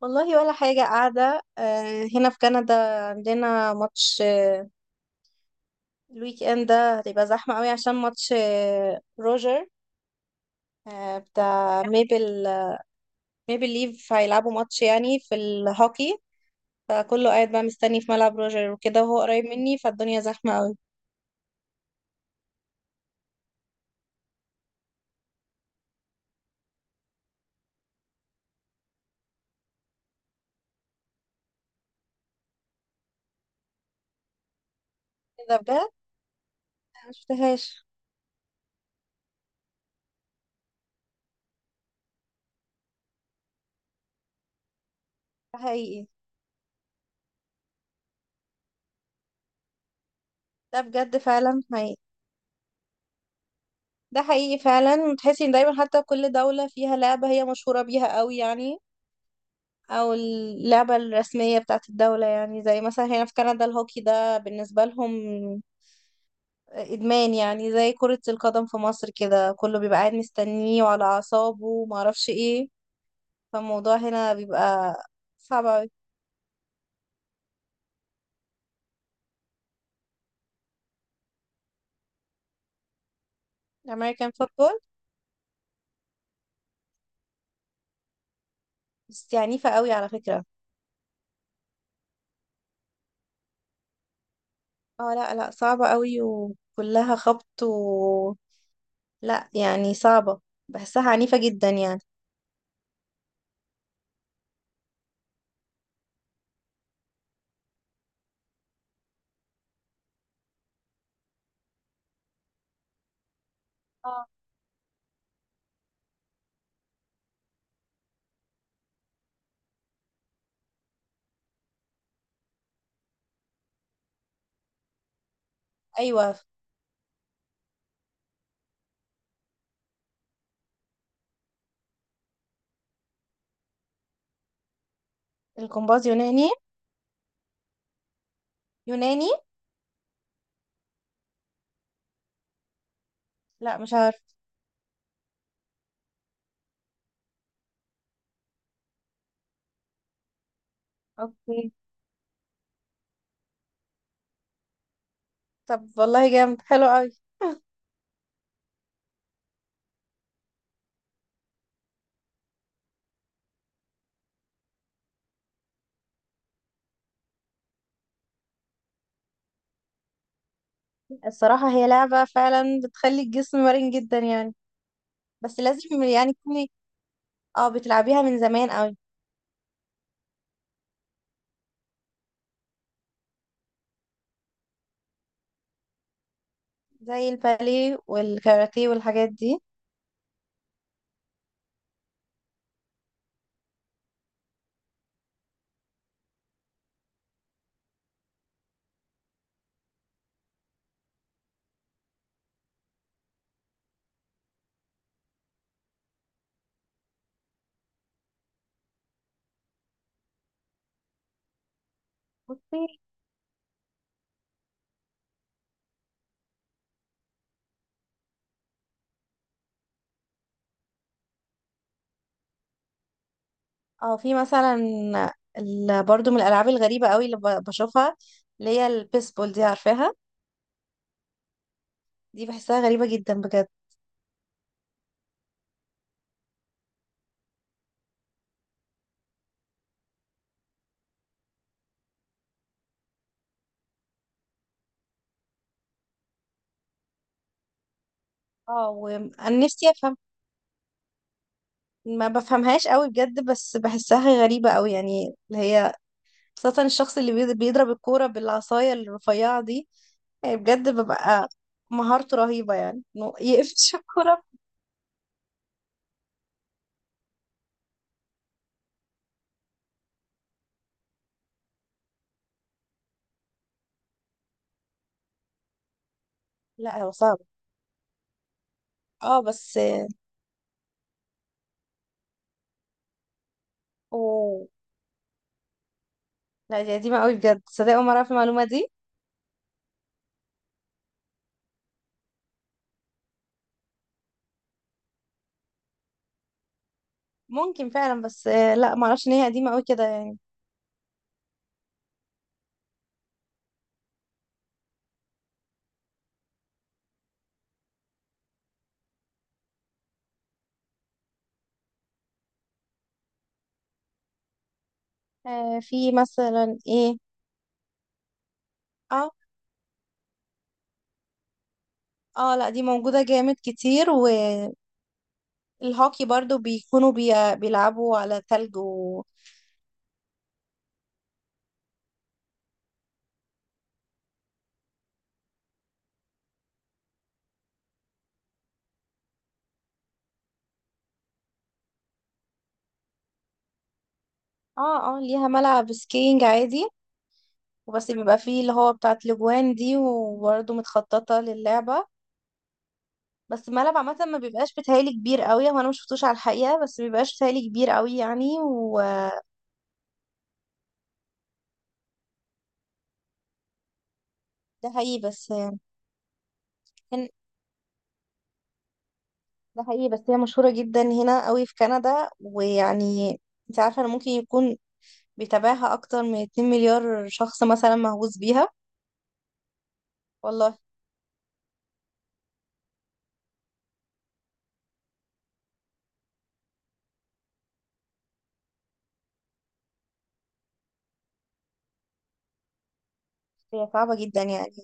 والله ولا حاجة قاعدة. هنا في كندا عندنا ماتش. الويك اند ده هتبقى زحمة قوي عشان ماتش روجر، بتاع ميبل. ميبل ليف هيلعبوا ماتش يعني في الهوكي، فكله قاعد بقى مستني في ملعب روجر وكده، وهو قريب مني فالدنيا زحمة قوي. ده بجد. انا مشفتهاش. ده حقيقي، ده بجد فعلا حقيقي. ده حقيقي فعلا، تحسي ان دايما حتى كل دولة فيها لعبة هي مشهورة بيها قوي يعني، او اللعبة الرسمية بتاعت الدولة، يعني زي مثلا هنا في كندا الهوكي ده بالنسبة لهم ادمان، يعني زي كرة القدم في مصر كده، كله بيبقى قاعد مستنيه وعلى اعصابه وما اعرفش ايه. فالموضوع هنا بيبقى صعب قوي. الامريكان فوتبول بس عنيفة قوي على فكرة. اه لا لا، صعبة قوي وكلها خبط و لا يعني صعبة، بحسها عنيفة جدا يعني. اه. ايوه. الجمباز يوناني. يوناني. لا مش عارفة. اوكي. طب والله جامد، حلو قوي. الصراحة هي لعبة فعلا بتخلي الجسم مرن جدا يعني. بس لازم يعني تكوني، اه، بتلعبيها من زمان قوي. زي الباليه والكاراتيه والحاجات دي. بصي. اه في مثلا، برضو من الألعاب الغريبة قوي اللي بشوفها، اللي هي البيسبول دي عارفاها. دي بحسها غريبة جدا بجد. اه وانا نفسي افهم، ما بفهمهاش قوي بجد، بس بحسها غريبة قوي يعني، اللي هي خاصة الشخص اللي بيضرب الكورة بالعصاية الرفيعة دي. يعني بجد ببقى مهارته رهيبة، يعني إنه يقفش الكورة. لا هو صعب. اه بس. اوه. لا دي قديمة قوي بجد، صدق أول مرة أعرف المعلومة دي. ممكن فعلا بس لا معرفش إن هي قديمة قوي كده يعني. آه في مثلا ايه. اه اه لا دي موجودة جامد كتير. والهوكي برضو بيكونوا بيلعبوا على تلج و اه اه ليها ملعب سكينج عادي، وبس بيبقى فيه اللي هو بتاعت الاجوان دي، وبرضه متخططة للعبة. بس الملعب عامة ما بيبقاش بيتهيألي كبير قوي، هو انا ما شفتوش على الحقيقة، بس ما بيبقاش بيتهيألي كبير قوي يعني وده حقيقي بس يعني. كان- ده حقيقي، بس هي مشهورة جدا هنا قوي في كندا ويعني، انت عارفة انا ممكن يكون بيتابعها اكتر من 2 مليار شخص مثلا مهووس بيها. والله. هي صعبة جدا يعني.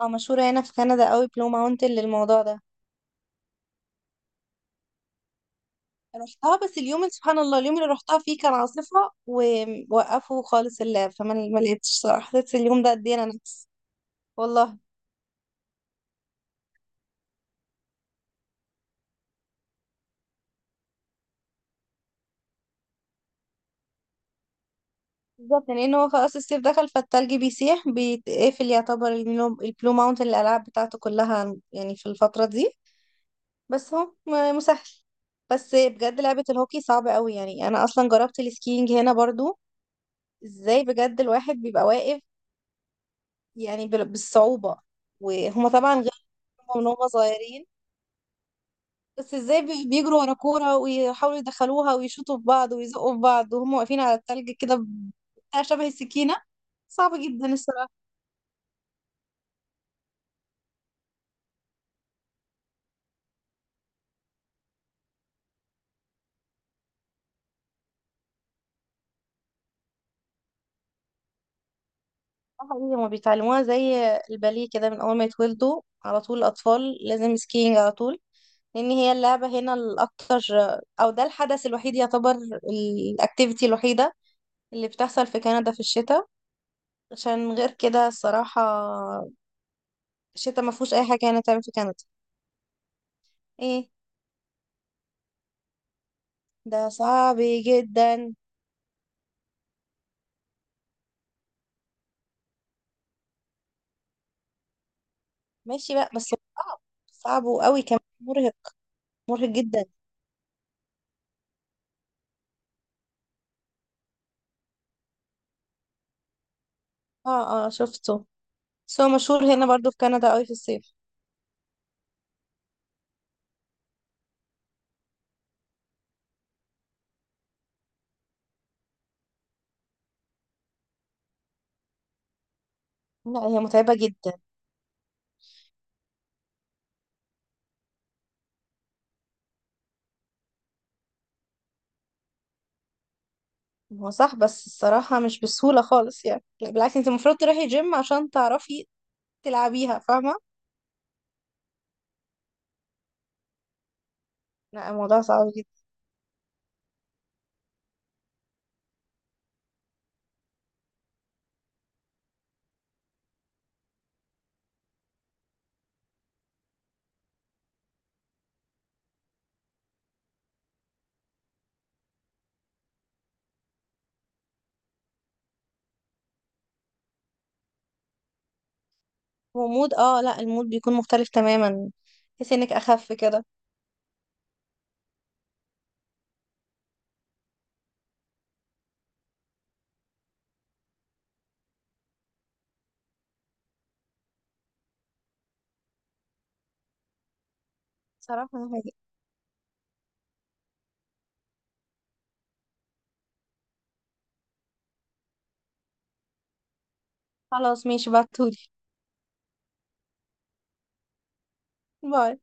اه مشهورة هنا في كندا قوي، بلو ماونتن للموضوع ده. رحتها، بس سبحان الله، اليوم اللي رحتها فيه كان عاصفة ووقفوا خالص اللعب، فما ما لقيتش صراحة، حسيت اليوم ده قد ايه انا نفسي. والله. بالظبط، لان هو خلاص الصيف دخل فالتلج بيسيح، بيتقفل يعتبر البلو ماونتن الالعاب بتاعته كلها يعني في الفتره دي. بس هو مسهل. بس بجد لعبه الهوكي صعبه قوي يعني، انا اصلا جربت السكينج هنا برضو. ازاي بجد الواحد بيبقى واقف يعني بالصعوبه، وهما طبعا غير من هما صغيرين. بس ازاي بيجروا ورا كوره ويحاولوا يدخلوها ويشوطوا في بعض ويزقوا في بعض وهم واقفين على التلج كده، بتاع شبه السكينه. صعب جدا الصراحه. اه حقيقي، هما بيتعلموها زي الباليه كده، من اول ما يتولدوا على طول الاطفال لازم سكينج على طول، لان هي اللعبه هنا الاكتر، او ده الحدث الوحيد يعتبر، الاكتيفيتي الوحيده اللي بتحصل في كندا في الشتاء، عشان غير كده الصراحه الشتاء ما فيهوش اي حاجه هنا تعمل في كندا. ايه. ده صعب جدا. ماشي بقى. بس صعب، صعب وقوي كمان، مرهق. مرهق جدا. اه اه شفته، بس هو مشهور هنا برضو في كندا قوي في الصيف. لا هي متعبه جدا. هو صح، بس الصراحة مش بالسهولة خالص يعني، لا، بالعكس، انت المفروض تروحي جيم عشان تعرفي تلعبيها، فاهمة. لا الموضوع صعب جدا. ومود، اه لا، المود بيكون مختلف تماما، تحسي انك اخف كده. صراحة أنا هاجي. خلاص ماشي، بعتولي. باي.